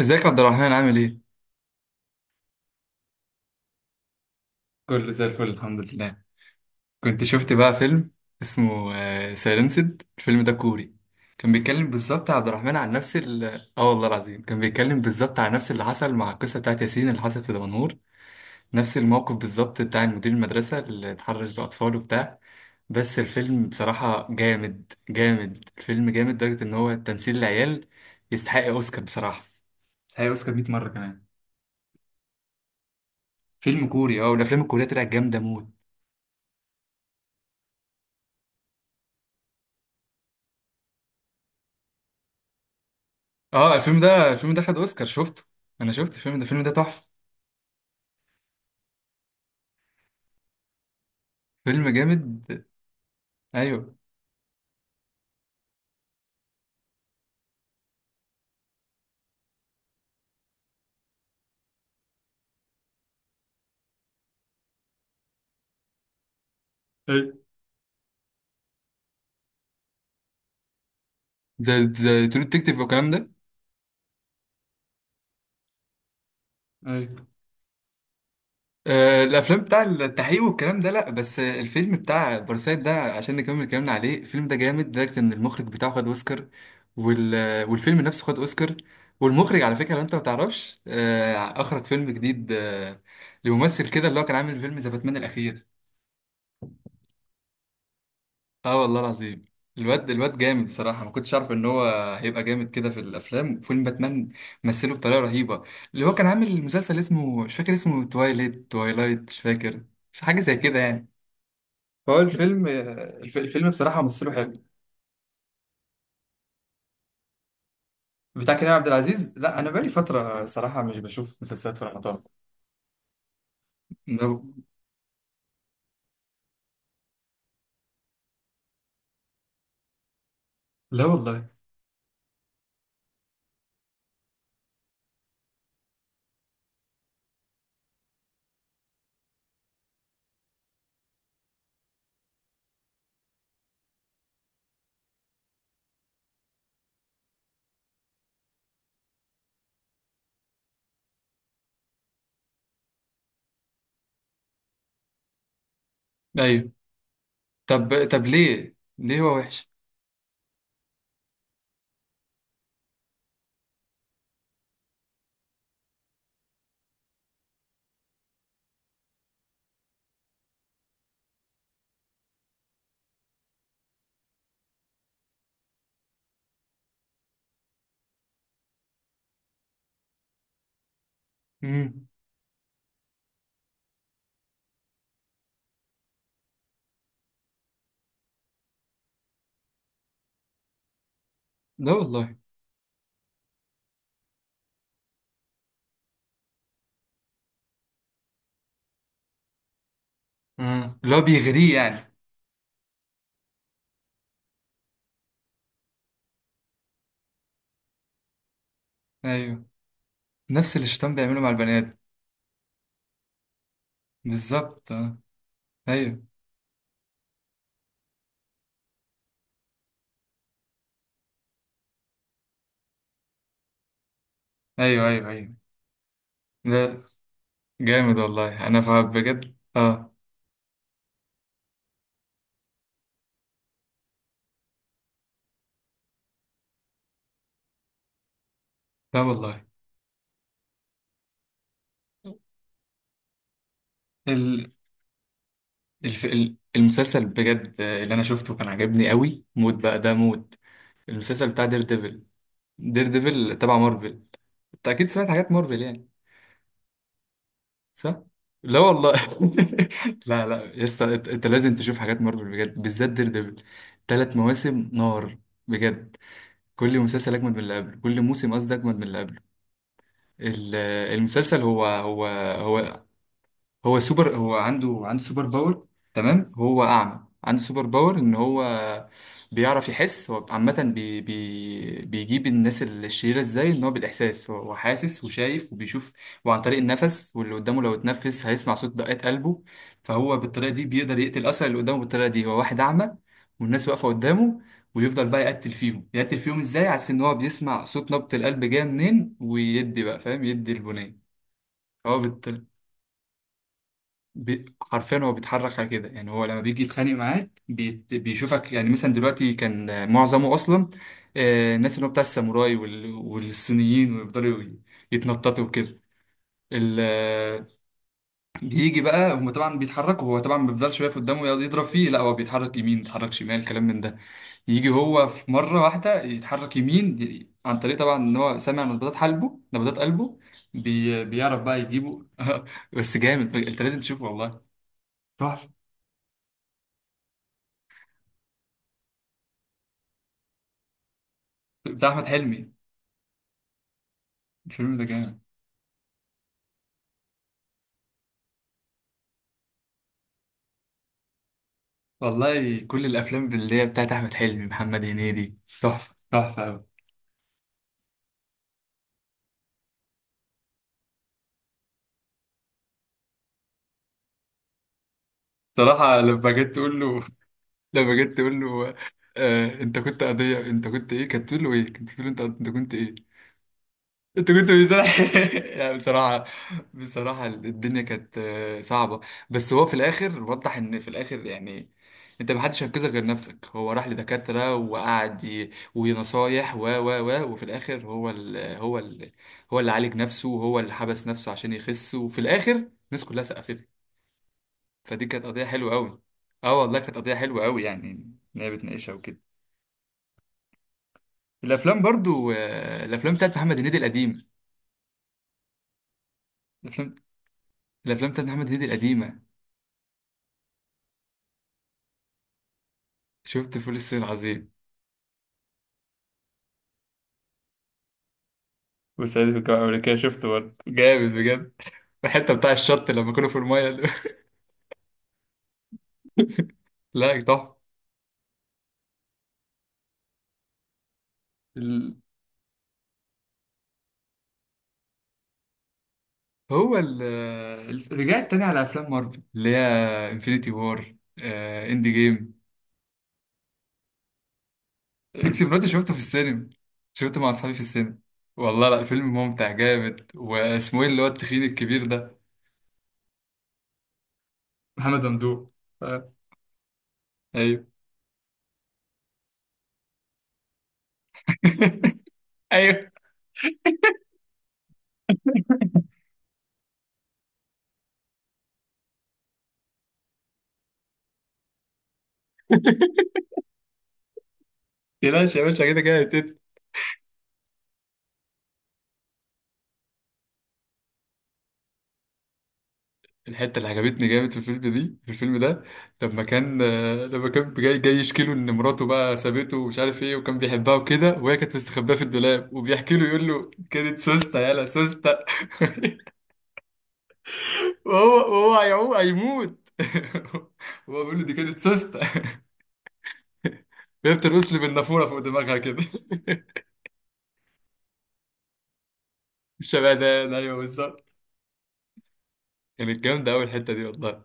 ازيك يا عبد الرحمن، عامل ايه؟ كله زي الفل الحمد لله. كنت شفت بقى فيلم اسمه سايلنسد. الفيلم ده كوري. كان بيتكلم بالظبط يا عبد الرحمن عن نفس ال... اه، والله العظيم كان بيتكلم بالظبط عن نفس اللي حصل مع القصة بتاعت ياسين اللي حصلت في دمنهور. نفس الموقف بالظبط، بتاع مدير المدرسة اللي اتحرش بأطفال وبتاع. بس الفيلم بصراحة جامد جامد. الفيلم جامد لدرجة ان هو تمثيل العيال يستحق اوسكار بصراحة. يستحق اوسكار 100 مرة كمان. فيلم كوري، اه، والافلام الكورية طلعت جامدة موت. اه، الفيلم ده، الفيلم ده خد اوسكار، شفته. انا شفت الفيلم ده، تحفه. فيلم جامد. ايوه ايوه. ده ده ترو ديتكتيف والكلام ده. ايوه. آه، الافلام بتاع التحقيق والكلام ده، لا، بس الفيلم بتاع باراسايت ده، عشان نكمل كلامنا عليه، الفيلم ده جامد لدرجه ان المخرج بتاعه خد اوسكار، وال... والفيلم نفسه خد اوسكار. والمخرج، على فكره، لو انت ما تعرفش، اخرج فيلم جديد لممثل كده، اللي هو كان عامل فيلم ذا باتمان الاخير. اه، والله العظيم. الواد جامد بصراحة. ما كنتش عارف ان هو هيبقى جامد كده في الافلام. فيلم باتمان مثله بطريقة رهيبة. اللي هو كان عامل مسلسل اسمه، مش فاكر اسمه، توايلايت. مش فاكر، في حاجة زي كده يعني. فهو الفيلم، الفيلم بصراحة مثله حلو. بتاع كريم عبد العزيز؟ لا، انا بقالي فترة صراحة مش بشوف مسلسلات في رمضان. لا. لا والله. ايوه. طب، طب ليه، هو وحش؟ امم. لا والله. آه، اللي هو بيغريه يعني. ايوه. نفس اللي الشيطان بيعمله مع البنات. بالظبط، اه. ايوه ايوه ايوه. ايوه. لا. جامد والله، انا فاهم بجد، اه. لا والله. ال... المسلسل بجد اللي انا شفته كان عجبني قوي موت بقى، ده موت. المسلسل بتاع دير ديفل. دير ديفل تبع مارفل. انت اكيد سمعت حاجات مارفل يعني. صح. لا والله. لا لا يسطا، أنت لازم تشوف حاجات مارفل بجد، بالذات دير ديفل. ثلاث مواسم نار، بجد. كل مسلسل اجمد من اللي قبله، كل موسم، قصدي، اجمد من اللي قبله. ال- المسلسل، هو. هو هو سوبر، هو عنده، سوبر باور. تمام، هو اعمى، عنده سوبر باور ان هو بيعرف يحس. هو عامة بي بي بيجيب الناس الشريرة ازاي. ان هو بالاحساس، هو حاسس وشايف وبيشوف. وعن طريق النفس، واللي قدامه لو اتنفس هيسمع صوت دقات قلبه. فهو بالطريقة دي بيقدر يقتل اصلا اللي قدامه. بالطريقة دي هو واحد اعمى والناس واقفة قدامه، ويفضل بقى يقتل فيهم، يقتل فيهم ازاي؟ عشان ان هو بيسمع صوت نبض القلب جاية منين، ويدي بقى، فاهم، يدي البنية. هو بالت- حرفيا هو بيتحرك على كده. يعني هو لما بيجي يتخانق معاك بيشوفك. يعني مثلا دلوقتي كان، معظمه اصلا، الناس اللي هو بتاع الساموراي والصينيين، ويفضلوا يتنططوا وكده. ال... آه، بيجي بقى، هم طبعا بيتحركوا، هو طبعا ما بيفضلش واقف قدامه يقعد يضرب فيه، لا، هو بيتحرك يمين، بيتحرك شمال، كلام من ده. يجي هو في مرة واحدة يتحرك يمين، عن طريق طبعا ان هو سامع نبضات قلبه، بيعرف بقى يجيبه. بس جامد، انت لازم تشوفه والله. تحفة. بتاع احمد حلمي. الفيلم ده جامد. والله كل الافلام اللي هي بتاعت احمد حلمي، محمد هنيدي، تحفه، تحفه قوي. صراحه لما جيت تقول له، لما جيت تقول له آه انت كنت قضيه، انت كنت ايه، كانت تقول له ايه، كانت تقول له، انت، كنت ايه؟ انت كنت بصراحة، لا، بصراحة، الدنيا كانت، صعبة. بس هو في الآخر وضح إن في الآخر يعني، أنت محدش هينقذك غير نفسك. هو راح لدكاترة وقعد ونصايح و وفي الآخر هو هو اللي عالج نفسه، وهو اللي حبس نفسه عشان يخس، وفي الآخر الناس كلها سقفت له. فدي كانت قضية حلوة أوي. أه والله كانت قضية حلوة أوي يعني، إن هي بتناقشها وكده. الأفلام برضو، الأفلام بتاعت محمد هنيدي القديم. الأفلام الأفلام بتاعت محمد هنيدي القديمة. شفت فول الصين العظيم، وصعيدي في الجامعة الأمريكية. شفته برضه جامد بجد. الحته بتاع الشط لما كانوا في المايه ده. لا، تحفه. ال... هو ال ال- رجعت تاني على افلام مارفل، اللي هي انفينيتي وار، اند جيم. اكس مراتي شفته في السينما. شفته مع اصحابي في السينما. والله. لا، فيلم ممتع جامد. واسمه ايه اللي هو التخين الكبير ده؟ محمد ممدوح. آه. ايوه ايوه. تلاش يا باشا، كده كده. الحته اللي عجبتني جامد في الفيلم دي، في الفيلم ده، لما كان، لما كان جاي جاي يشكي له ان مراته بقى سابته ومش عارف ايه وكان بيحبها وكده، وهي كانت مستخباه في الدولاب، وبيحكي له يقول له كانت سوسته يالا سوسته. وهو هيعوم هيموت. وهو بيقول له دي كانت سوسته. وهي بترقص لي بالنافوره فوق دماغها كده. شبهدان، ايوه بالظبط. كانت جامده قوي الحته دي والله.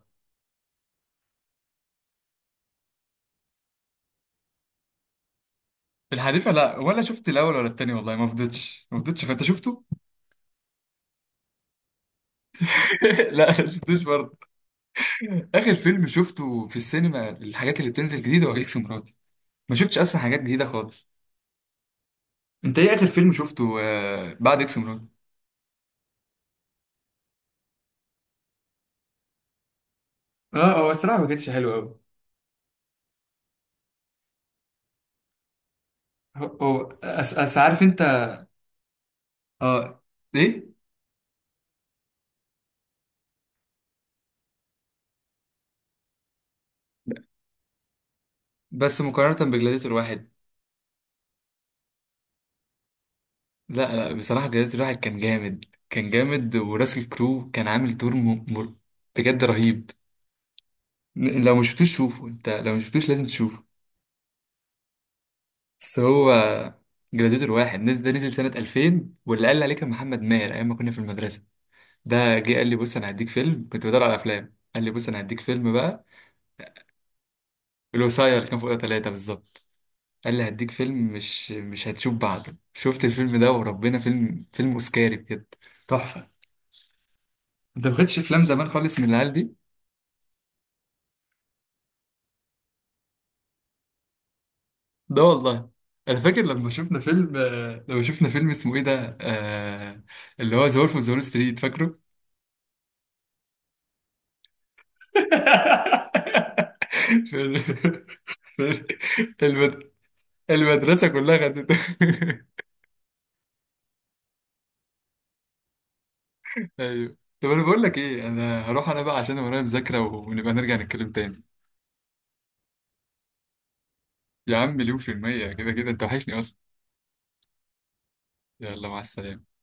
الحريفه، لا، ولا شفت الاول ولا التاني، والله ما فضيتش، ما فضيتش. انت شفته؟ لا، ما شفتوش برضه. اخر فيلم شفته في السينما، الحاجات اللي بتنزل جديده، هو اكس مراتي. ما شفتش اصلا حاجات جديده خالص. انت ايه اخر فيلم شفته، بعد اكس مراتي؟ اه، هو الصراحه ما كانتش حلو قوي. أس، عارف انت. اه. ايه؟ بس مقارنه بجلاديتور واحد، لا لا، بصراحه جلاديتور واحد كان جامد. كان جامد. وراسل كرو كان عامل دور بجد رهيب. لو ما شفتوش شوفه. انت لو ما شفتوش لازم تشوفه. بس هو جلاديتور واحد نزل ده نزل سنة 2000، واللي قال لي عليه كان محمد ماهر أيام ما كنا في المدرسة. ده جه قال لي بص أنا هديك فيلم. كنت بدور على أفلام، قال لي بص أنا هديك فيلم بقى. الوصاية اللي كان فوقها ثلاثة بالظبط. قال لي هديك فيلم مش هتشوف بعده. شفت الفيلم ده وربنا، فيلم، فيلم أوسكاري بجد. تحفة. أنت ما خدتش أفلام زمان خالص من العيال دي؟ ده والله أنا فاكر لما شفنا فيلم، لما شفنا فيلم اسمه إيه ده، اللي هو ذا وولف أوف ستريت، فاكره؟ في ال- في المد... المدرسة كلها خدت. ايوه. طب انا بقول لك ايه، انا هروح انا بقى عشان ورايا مذاكرة، ونبقى نرجع نتكلم تاني. يا عم مليون في المية، كده كده انت وحشني اصلا. يلا، مع السلامة.